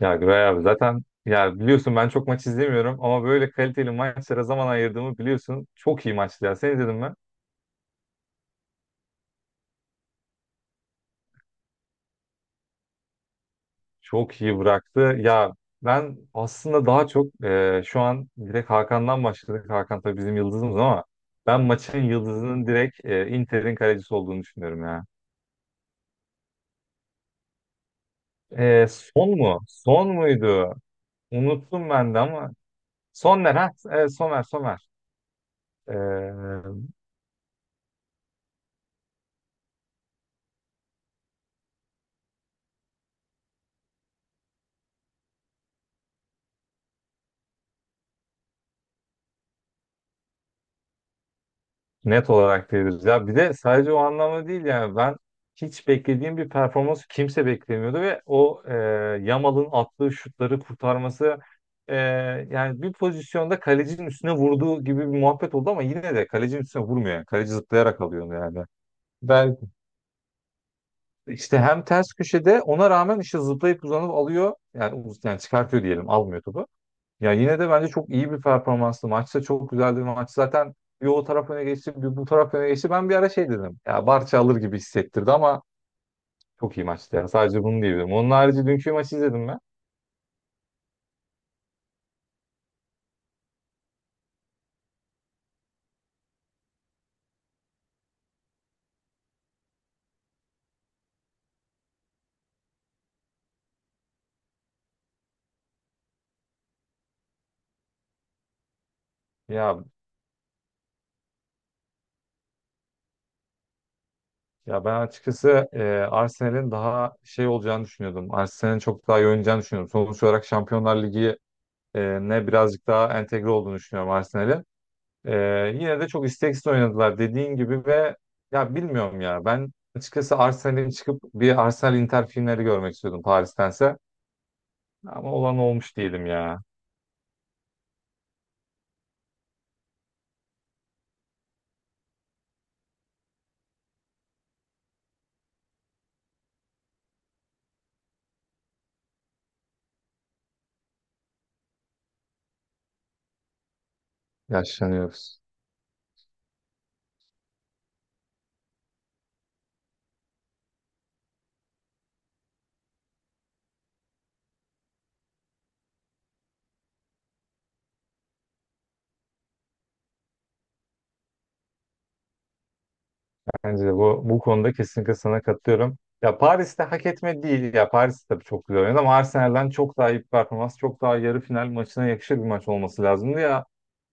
Ya Güray abi zaten ya biliyorsun ben çok maç izlemiyorum ama böyle kaliteli maçlara zaman ayırdığımı biliyorsun. Çok iyi maçtı ya. Sen izledin mi? Çok iyi bıraktı. Ya ben aslında daha çok şu an direkt Hakan'dan başladık. Hakan tabii bizim yıldızımız ama ben maçın yıldızının direkt Inter'in kalecisi olduğunu düşünüyorum ya. E, son mu? Son muydu? Unuttum ben de ama Sonner ha. Evet, Somer. E, Net olarak diyoruz. Ya bir de sadece o anlamda değil yani ben hiç beklediğim bir performans kimse beklemiyordu ve o Yamal'ın attığı şutları kurtarması e, yani bir pozisyonda kalecinin üstüne vurduğu gibi bir muhabbet oldu ama yine de kalecinin üstüne vurmuyor. Yani. Kaleci zıplayarak alıyor onu yani. Ben işte hem ters köşede ona rağmen işte zıplayıp uzanıp alıyor yani, yani çıkartıyor diyelim almıyor topu. Ya yine de bence çok iyi bir performanstı. Maçta çok güzeldi. Maç zaten bir o taraf öne geçti, bir bu taraf öne geçti. Ben bir ara şey dedim. Ya Barça alır gibi hissettirdi ama çok iyi maçtı ya. Sadece bunu diyebilirim. Onun harici dünkü maçı izledim mi? Ya ya ben açıkçası Arsenal'in daha şey olacağını düşünüyordum. Arsenal'in çok daha iyi oynayacağını düşünüyordum. Sonuç olarak Şampiyonlar Ligi ne birazcık daha entegre olduğunu düşünüyorum Arsenal'in. Yine de çok isteksiz oynadılar dediğin gibi ve ya bilmiyorum ya ben açıkçası Arsenal'in çıkıp bir Arsenal Inter filmleri görmek istiyordum Paris'tense ama olan olmuş diyelim ya. Yaşlanıyoruz. Bence de bu konuda kesinlikle sana katılıyorum. Ya Paris'te hak etme değil. Ya Paris tabii çok güzel oynadı ama Arsenal'den çok daha iyi bir performans, çok daha yarı final maçına yakışır bir maç olması lazımdı ya.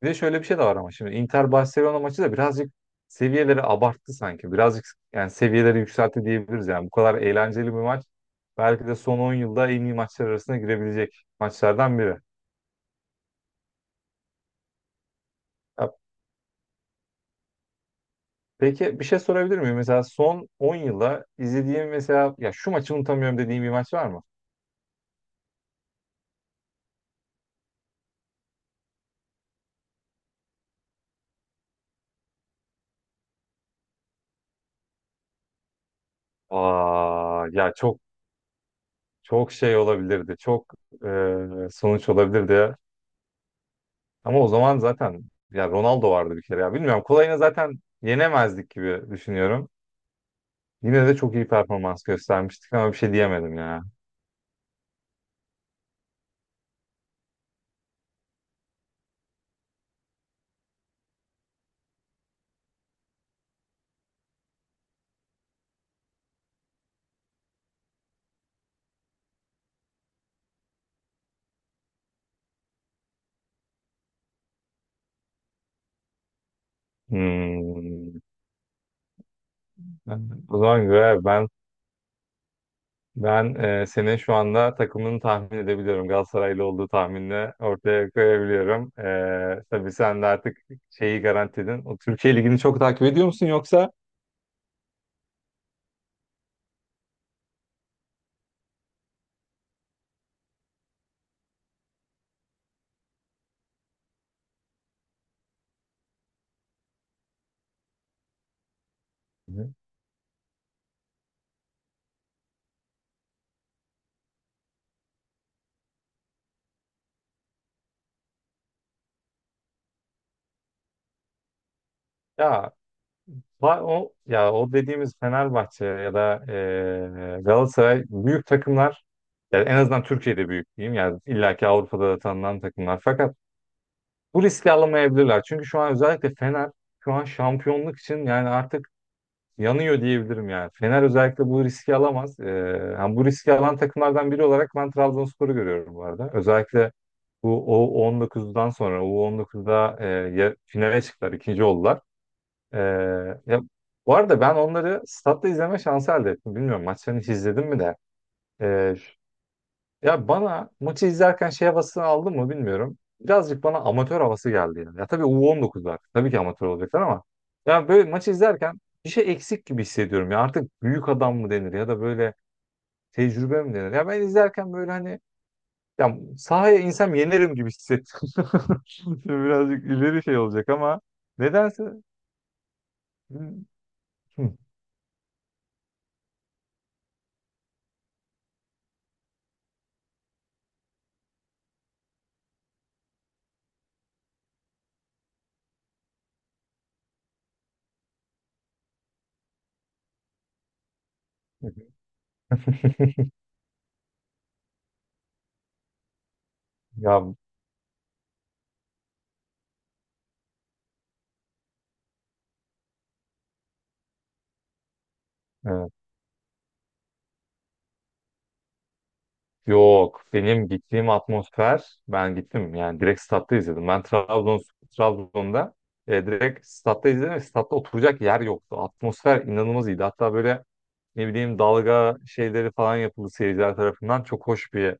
Bir de şöyle bir şey de var ama şimdi Inter Barcelona maçı da birazcık seviyeleri abarttı sanki. Birazcık yani seviyeleri yükseltti diyebiliriz yani. Bu kadar eğlenceli bir maç belki de son 10 yılda en iyi maçlar arasına girebilecek maçlardan biri. Ya peki bir şey sorabilir miyim? Mesela son 10 yılda izlediğim mesela ya şu maçı unutamıyorum dediğim bir maç var mı? Aa, ya çok şey olabilirdi. Çok sonuç olabilirdi. Ama o zaman zaten ya Ronaldo vardı bir kere ya. Bilmiyorum kolayını zaten yenemezdik gibi düşünüyorum. Yine de çok iyi performans göstermiştik ama bir şey diyemedim ya. Hmm. O zaman göre ben Ben senin şu anda takımını tahmin edebiliyorum. Galatasaraylı olduğu tahminini ortaya koyabiliyorum. Tabii sen de artık şeyi garantiledin. O Türkiye Ligi'ni çok takip ediyor musun yoksa? Hı. Ya Ya o dediğimiz Fenerbahçe ya da Galatasaray büyük takımlar yani en azından Türkiye'de büyük diyeyim yani illaki Avrupa'da da tanınan takımlar fakat bu riski alamayabilirler. Çünkü şu an özellikle Fener şu an şampiyonluk için yani artık yanıyor diyebilirim yani. Fener özellikle bu riski alamaz. Yani bu riski alan takımlardan biri olarak ben Trabzonspor'u görüyorum bu arada. Özellikle bu U19'dan sonra U19'da finale çıktılar, ikinci oldular. Ee, ya, Bu arada ben onları statta izleme şansı elde ettim. Bilmiyorum maçlarını hiç izledim mi de. Ee, Ya bana maçı izlerken şey havasını aldım mı bilmiyorum. Birazcık bana amatör havası geldi yani. Ya tabii U19'lar. Tabii ki amatör olacaklar ama. Ya böyle maçı izlerken bir şey eksik gibi hissediyorum. Ya artık büyük adam mı denir ya da böyle tecrübe mi denir? Ya ben izlerken böyle hani ya sahaya insem yenerim gibi hissettim. Şimdi birazcık ileri şey olacak ama nedense Hı. Ya Evet. Yok. Benim gittiğim atmosfer ben gittim yani direkt statta izledim. Ben Trabzon Trabzon'da direkt statta izledim. Ve Statta oturacak yer yoktu. Atmosfer inanılmaz iyiydi. Hatta böyle ne bileyim dalga şeyleri falan yapıldı seyirciler tarafından. Çok hoş bir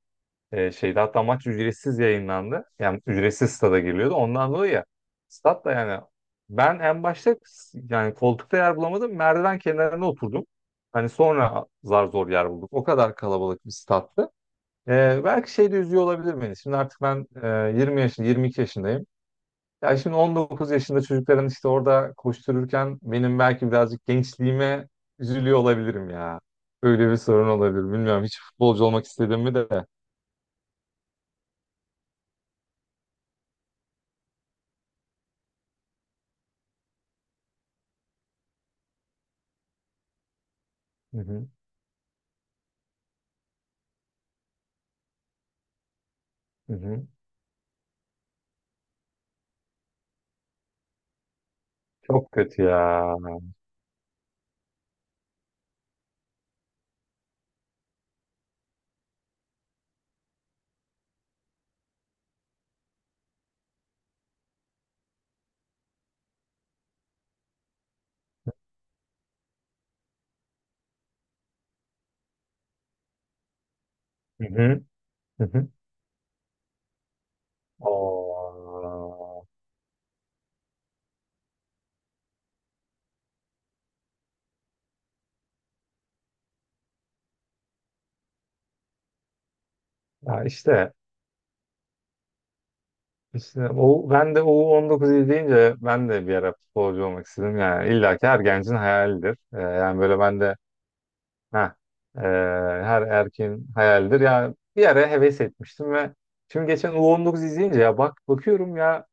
şeydi. Hatta maç ücretsiz yayınlandı. Yani ücretsiz stada giriliyordu. Ondan dolayı ya stat da yani ben en başta yani koltukta yer bulamadım. Merdiven kenarına oturdum. Hani sonra zar zor yer bulduk. O kadar kalabalık bir stattı. Belki şey de üzüyor olabilir beni. Şimdi artık ben 20 yaşında, 22 yaşındayım. Ya şimdi 19 yaşında çocukların işte orada koştururken benim belki birazcık gençliğime üzülüyor olabilirim ya. Öyle bir sorun olabilir. Bilmiyorum hiç futbolcu olmak istedim mi de. Hı hı, hı hı. Çok kötü ya. Hı hı, hı hı. Oo. Ya işte o ben de o 19 deyince ben de bir ara futbolcu olmak istedim yani illa ki her gencin hayalidir. Yani böyle ben de Ha, e, her erkeğin hayalidir. Ya bir ara heves etmiştim ve şimdi geçen U19 izleyince ya bak bakıyorum ya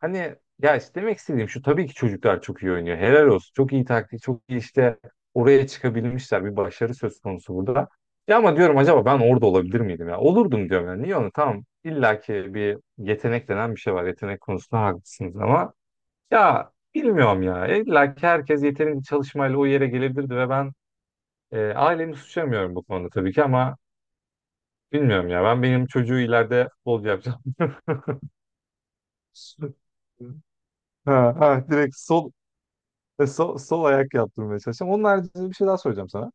hani ya işte demek istediğim şu tabii ki çocuklar çok iyi oynuyor. Helal olsun. Çok iyi taktik, çok iyi işte oraya çıkabilmişler. Bir başarı söz konusu burada. Ya ama diyorum acaba ben orada olabilir miydim ya? Olurdum diyorum yani. Niye onu? Tamam. İlla ki bir yetenek denen bir şey var. Yetenek konusunda haklısınız ama ya bilmiyorum ya. İlla ki herkes yetenekli çalışmayla o yere gelebilirdi ve ben ailemi suçlamıyorum bu konuda tabii ki ama bilmiyorum ya. Ben benim çocuğu ileride futbolcu yapacağım. Ha, ha, direkt sol, e, sol sol ayak yaptırmaya çalışacağım. Onun haricinde bir şey daha soracağım sana.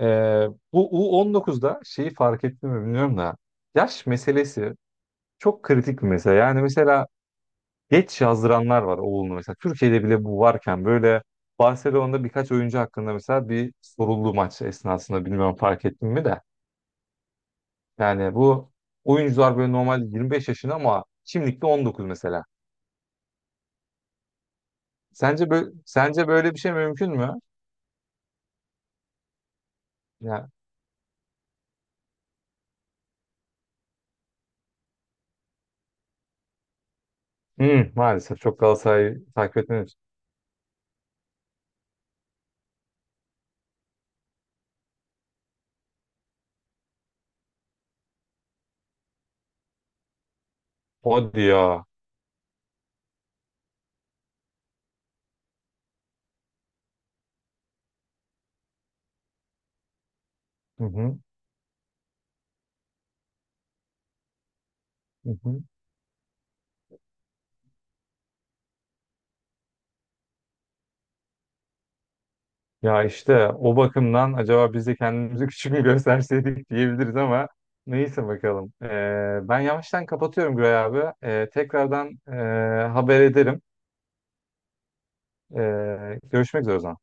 Ee, Bu U19'da şeyi fark ettim mi bilmiyorum da yaş meselesi çok kritik bir mesele. Yani mesela geç yazdıranlar var oğlunu mesela. Türkiye'de bile bu varken böyle Barcelona'da birkaç oyuncu hakkında mesela bir soruldu maç esnasında bilmiyorum fark ettim mi de. Yani bu oyuncular böyle normalde 25 yaşında ama şimdilikte 19 mesela. Sence böyle bir şey mümkün mü? Ya hı, maalesef çok Galatasaray'ı takip etmiyoruz. Hadi ya. Hı hı, hı hı. Ya işte o bakımdan acaba biz de kendimizi küçük mü gösterseydik diyebiliriz ama neyse bakalım. Ben yavaştan kapatıyorum Güray abi. Tekrardan haber ederim. Görüşmek üzere o zaman.